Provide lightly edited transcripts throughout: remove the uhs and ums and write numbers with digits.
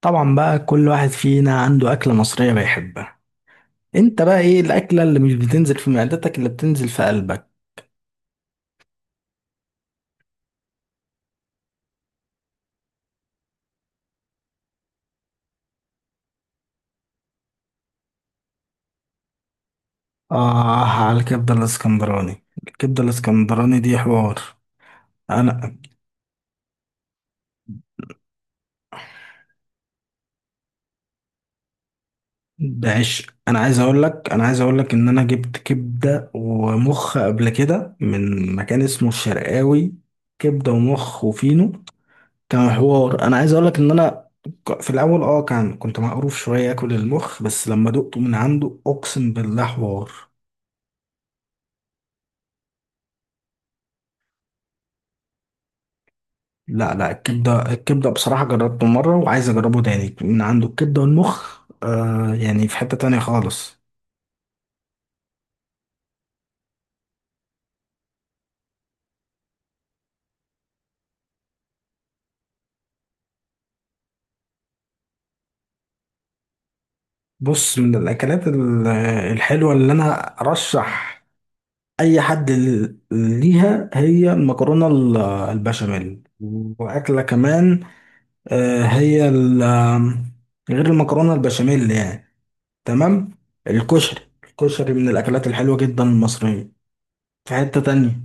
طبعا بقى كل واحد فينا عنده أكلة مصرية بيحبها. انت بقى ايه الأكلة اللي مش بتنزل في معدتك، اللي بتنزل في قلبك؟ آه، على الكبدة الاسكندراني. الكبدة الاسكندراني دي حوار. انا بعيش، انا عايز اقول لك ان انا جبت كبدة ومخ قبل كده من مكان اسمه الشرقاوي. كبدة ومخ وفينو، كان حوار. انا عايز اقول لك ان انا في الاول كنت مقروف شوية اكل المخ، بس لما دقته من عنده اقسم بالله حوار. لا لا، الكبدة بصراحة جربته مرة وعايز أجربه تاني من عنده. الكبدة والمخ يعني في حتة تانية خالص. بص، من الأكلات الحلوة اللي أنا أرشح أي حد ليها، هي المكرونة البشاميل. وأكلة كمان، هي غير المكرونة البشاميل يعني، تمام، الكشري. الكشري من الأكلات الحلوة جدا المصرية، في حتة تانية.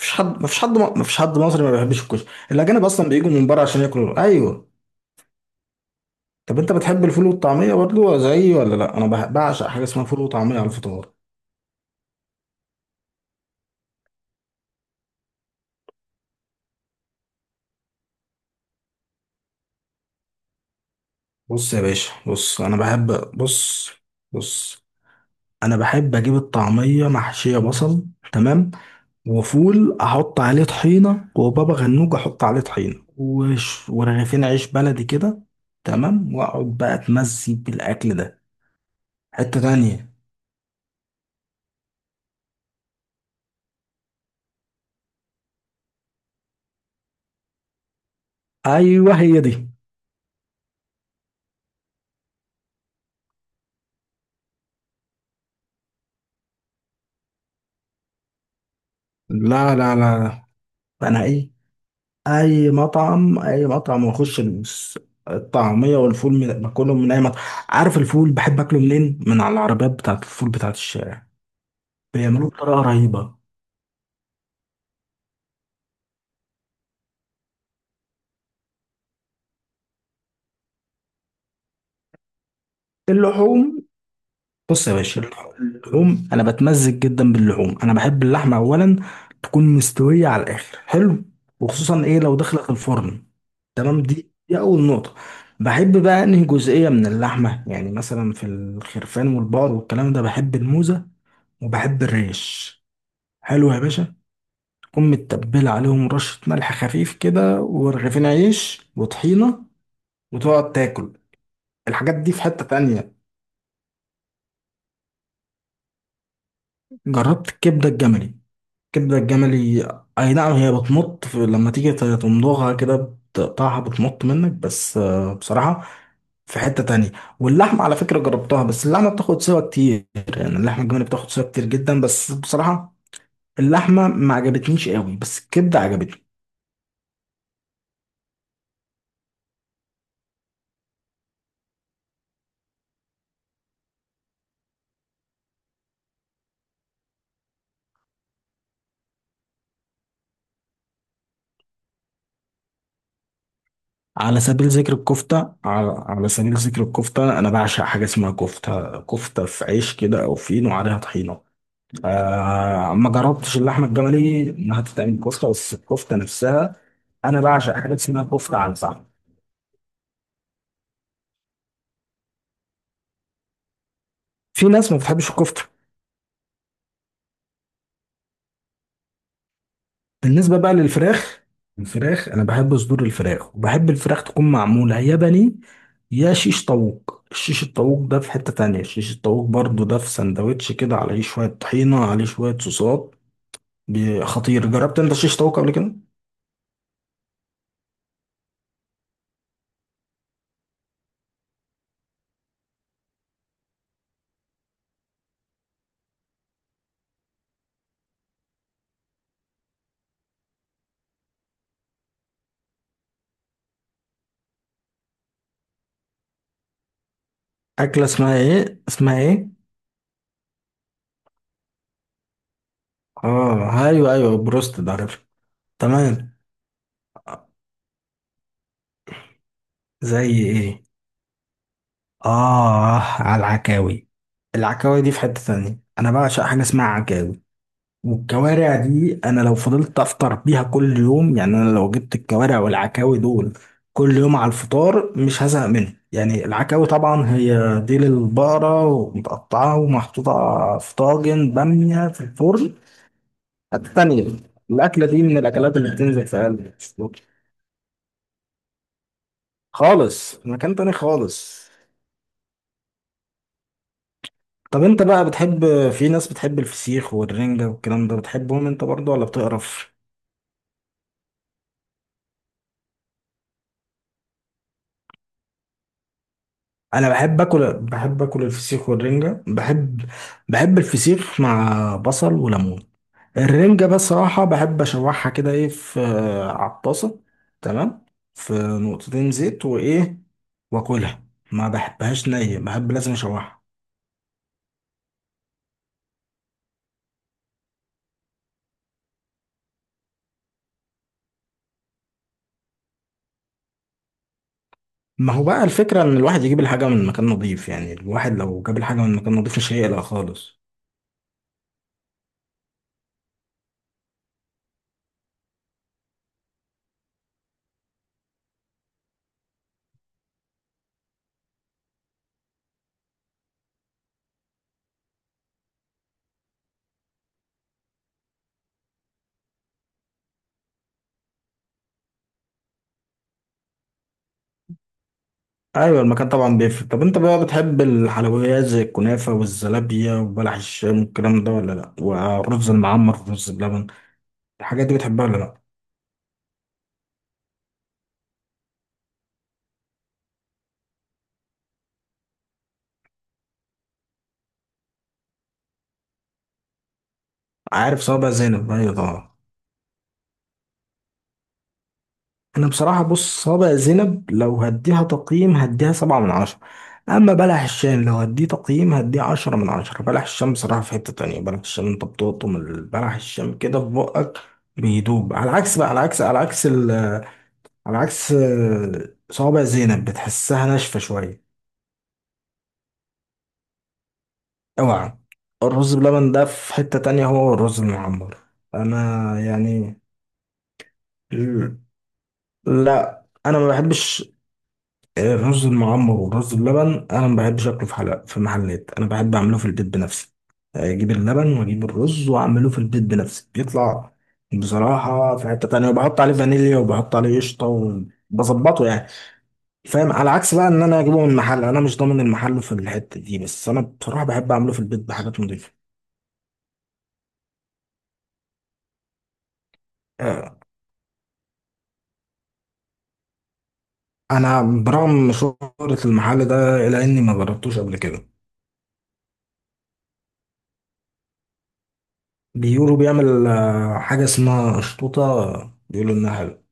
مفيش حد مصري ما بيحبش الكشري. الاجانب اصلا بيجوا من بره عشان ياكلوا، ايوه. طب انت بتحب الفول والطعميه برضو زيي ولا لا؟ انا بعشق حاجه اسمها فول وطعميه على الفطار. بص يا باشا، بص انا بحب اجيب الطعميه محشيه بصل، تمام، وفول احط عليه طحينه، وبابا غنوج احط عليه طحينه، وش ورغيفين عيش بلدي كده، تمام، واقعد بقى اتمزج بالاكل ده. حته تانية. ايوه هي دي. لا لا لا، فانا اي مطعم واخش الطعميه والفول من باكلهم من اي مطعم. عارف الفول بحب اكله منين؟ من على العربيات بتاعت الفول، بتاعت الشارع. بيعملوه بطريقه رهيبه. اللحوم؟ بص يا باشا، اللحوم انا بتمزج جدا باللحوم. انا بحب اللحمه اولا تكون مستويه على الاخر، حلو، وخصوصا ايه لو دخلت الفرن، تمام، دي اول نقطه. بحب بقى انهي جزئيه من اللحمه؟ يعني مثلا في الخرفان والبقر والكلام ده بحب الموزه وبحب الريش، حلو يا باشا، تكون متبلة عليهم رشة ملح خفيف كده، ورغيفين عيش وطحينة، وتقعد تاكل. الحاجات دي في حتة تانية. جربت الكبدة الجملي، الكبدة الجملي، أي نعم. هي بتمط لما تيجي تمضغها كده بتقطعها، بتمط منك، بس بصراحة في حتة تانية. واللحمة على فكرة جربتها، بس اللحمة بتاخد سوا كتير، يعني اللحمة الجملي بتاخد سوا كتير جدا، بس بصراحة اللحمة ما عجبتنيش قوي، بس الكبدة عجبتني. على سبيل ذكر الكفتة، على سبيل ذكر الكفتة، أنا بعشق حاجة اسمها كفتة. كفتة في عيش كده أو فين وعليها طحينة. ما جربتش اللحمة الجملي إنها تتعمل كفتة، بس الكفتة نفسها أنا بعشق حاجة اسمها كفتة على الفحم. في ناس ما بتحبش الكفتة. بالنسبة بقى للفراخ، الفراخ أنا بحب صدور الفراخ، وبحب الفراخ تكون معمولة يا بني يا شيش طاووق. الشيش الطاووق ده في حتة تانية. الشيش الطاووق برضو ده في سندوتش كده عليه شوية طحينة عليه شوية صوصات، خطير. جربت انت شيش طاووق قبل كده؟ اكله اسمها ايه؟ اسمها ايه؟ اه ايوه ايوه، بروست ده، عارف. تمام. زي ايه؟ اه، على العكاوي. العكاوي دي في حته تانية. انا بعشق حاجه اسمها عكاوي. والكوارع دي، انا لو فضلت افطر بيها كل يوم، يعني انا لو جبت الكوارع والعكاوي دول كل يوم على الفطار، مش هزهق منه. يعني العكاوي طبعا هي ديل البقرة، ومتقطعة ومحطوطة في طاجن بامية في الفرن، التانية، الأكلة دي من الأكلات اللي بتنزل في قلبي خالص. في مكان تاني خالص. طب أنت بقى بتحب؟ في ناس بتحب الفسيخ والرنجة والكلام ده، بتحبهم أنت برضو ولا بتقرف؟ أنا بحب آكل، بحب آكل الفسيخ والرنجة، بحب. بحب الفسيخ مع بصل وليمون. الرنجة بصراحة بحب أشوحها كده إيه في على الطاسة، تمام، في نقطتين زيت وإيه، وآكلها. ما بحبهاش نية، بحب لازم أشوحها. ما هو بقى الفكرة إن الواحد يجيب الحاجة من مكان نظيف. يعني الواحد لو جاب الحاجة من مكان نظيف مش هيقلق خالص. أيوة، المكان طبعا بيفرق. طب أنت بقى بتحب الحلويات زي الكنافة والزلابية وبلح الشام والكلام ده ولا لأ؟ والرز المعمر والرز بلبن، الحاجات دي بتحبها ولا لأ؟ عارف صوابع زينب؟ أيوة طبعا. انا بصراحة، بص، صابع زينب لو هديها تقييم هديها سبعة من عشرة. اما بلح الشام لو هديه تقييم هديه عشرة من عشرة. بلح الشام بصراحة في حتة تانية. بلح الشام انت بتقطم بلح الشام كده في بقك بيدوب، على عكس بقى، على عكس، على عكس ال على عكس صوابع زينب بتحسها ناشفة شوية. اوعى، الرز بلبن ده في حتة تانية، هو الرز المعمر. انا يعني، لا، انا ما بحبش الرز المعمر والرز بلبن، انا ما بحبش اكله في حلقة في محلات، انا بحب اعمله في البيت بنفسي. اجيب اللبن واجيب الرز واعمله في البيت بنفسي، بيطلع بصراحة في حتة تانية، وبحط عليه فانيليا وبحط عليه قشطة وبظبطه يعني. فاهم؟ على عكس بقى ان انا اجيبه من محل، انا مش ضامن المحل في الحتة دي، بس انا بصراحة بحب اعمله في البيت بحاجات نضيفة. آه، انا برغم شهرة المحل ده الا اني ما جربتوش قبل كده. بيقولوا بيعمل حاجة اسمها قشطوطة، بيقولوا انها حلوة.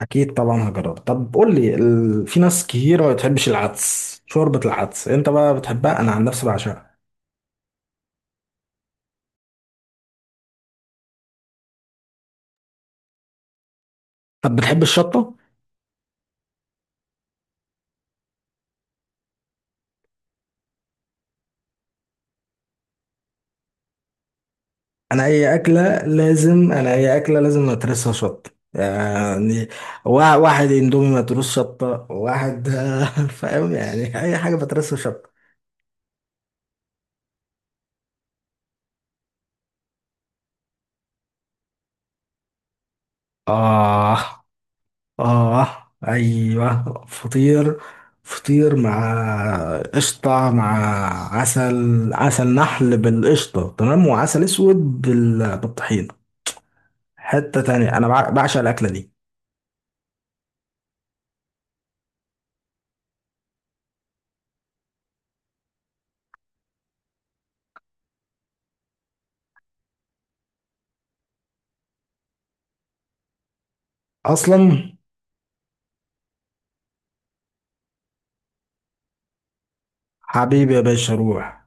اكيد طبعا هجرب. طب قول لي في ناس كتيره ما بتحبش العدس، شوربه العدس، انت بقى بتحبها؟ انا عن نفسي بعشقها. طب بتحب الشطه؟ انا اي اكله لازم اترسها شطه. يعني واحد اندومي متروس شطه واحد. فاهم؟ يعني اي حاجه بترسها شطه. اه. اه ايوه، فطير. فطير مع قشطة، مع عسل، عسل نحل بالقشطة، تمام. وعسل اسود بالطحينة، حتة تانية. انا بعشق الاكلة دي اصلا. حبيبي يا باشا، روح.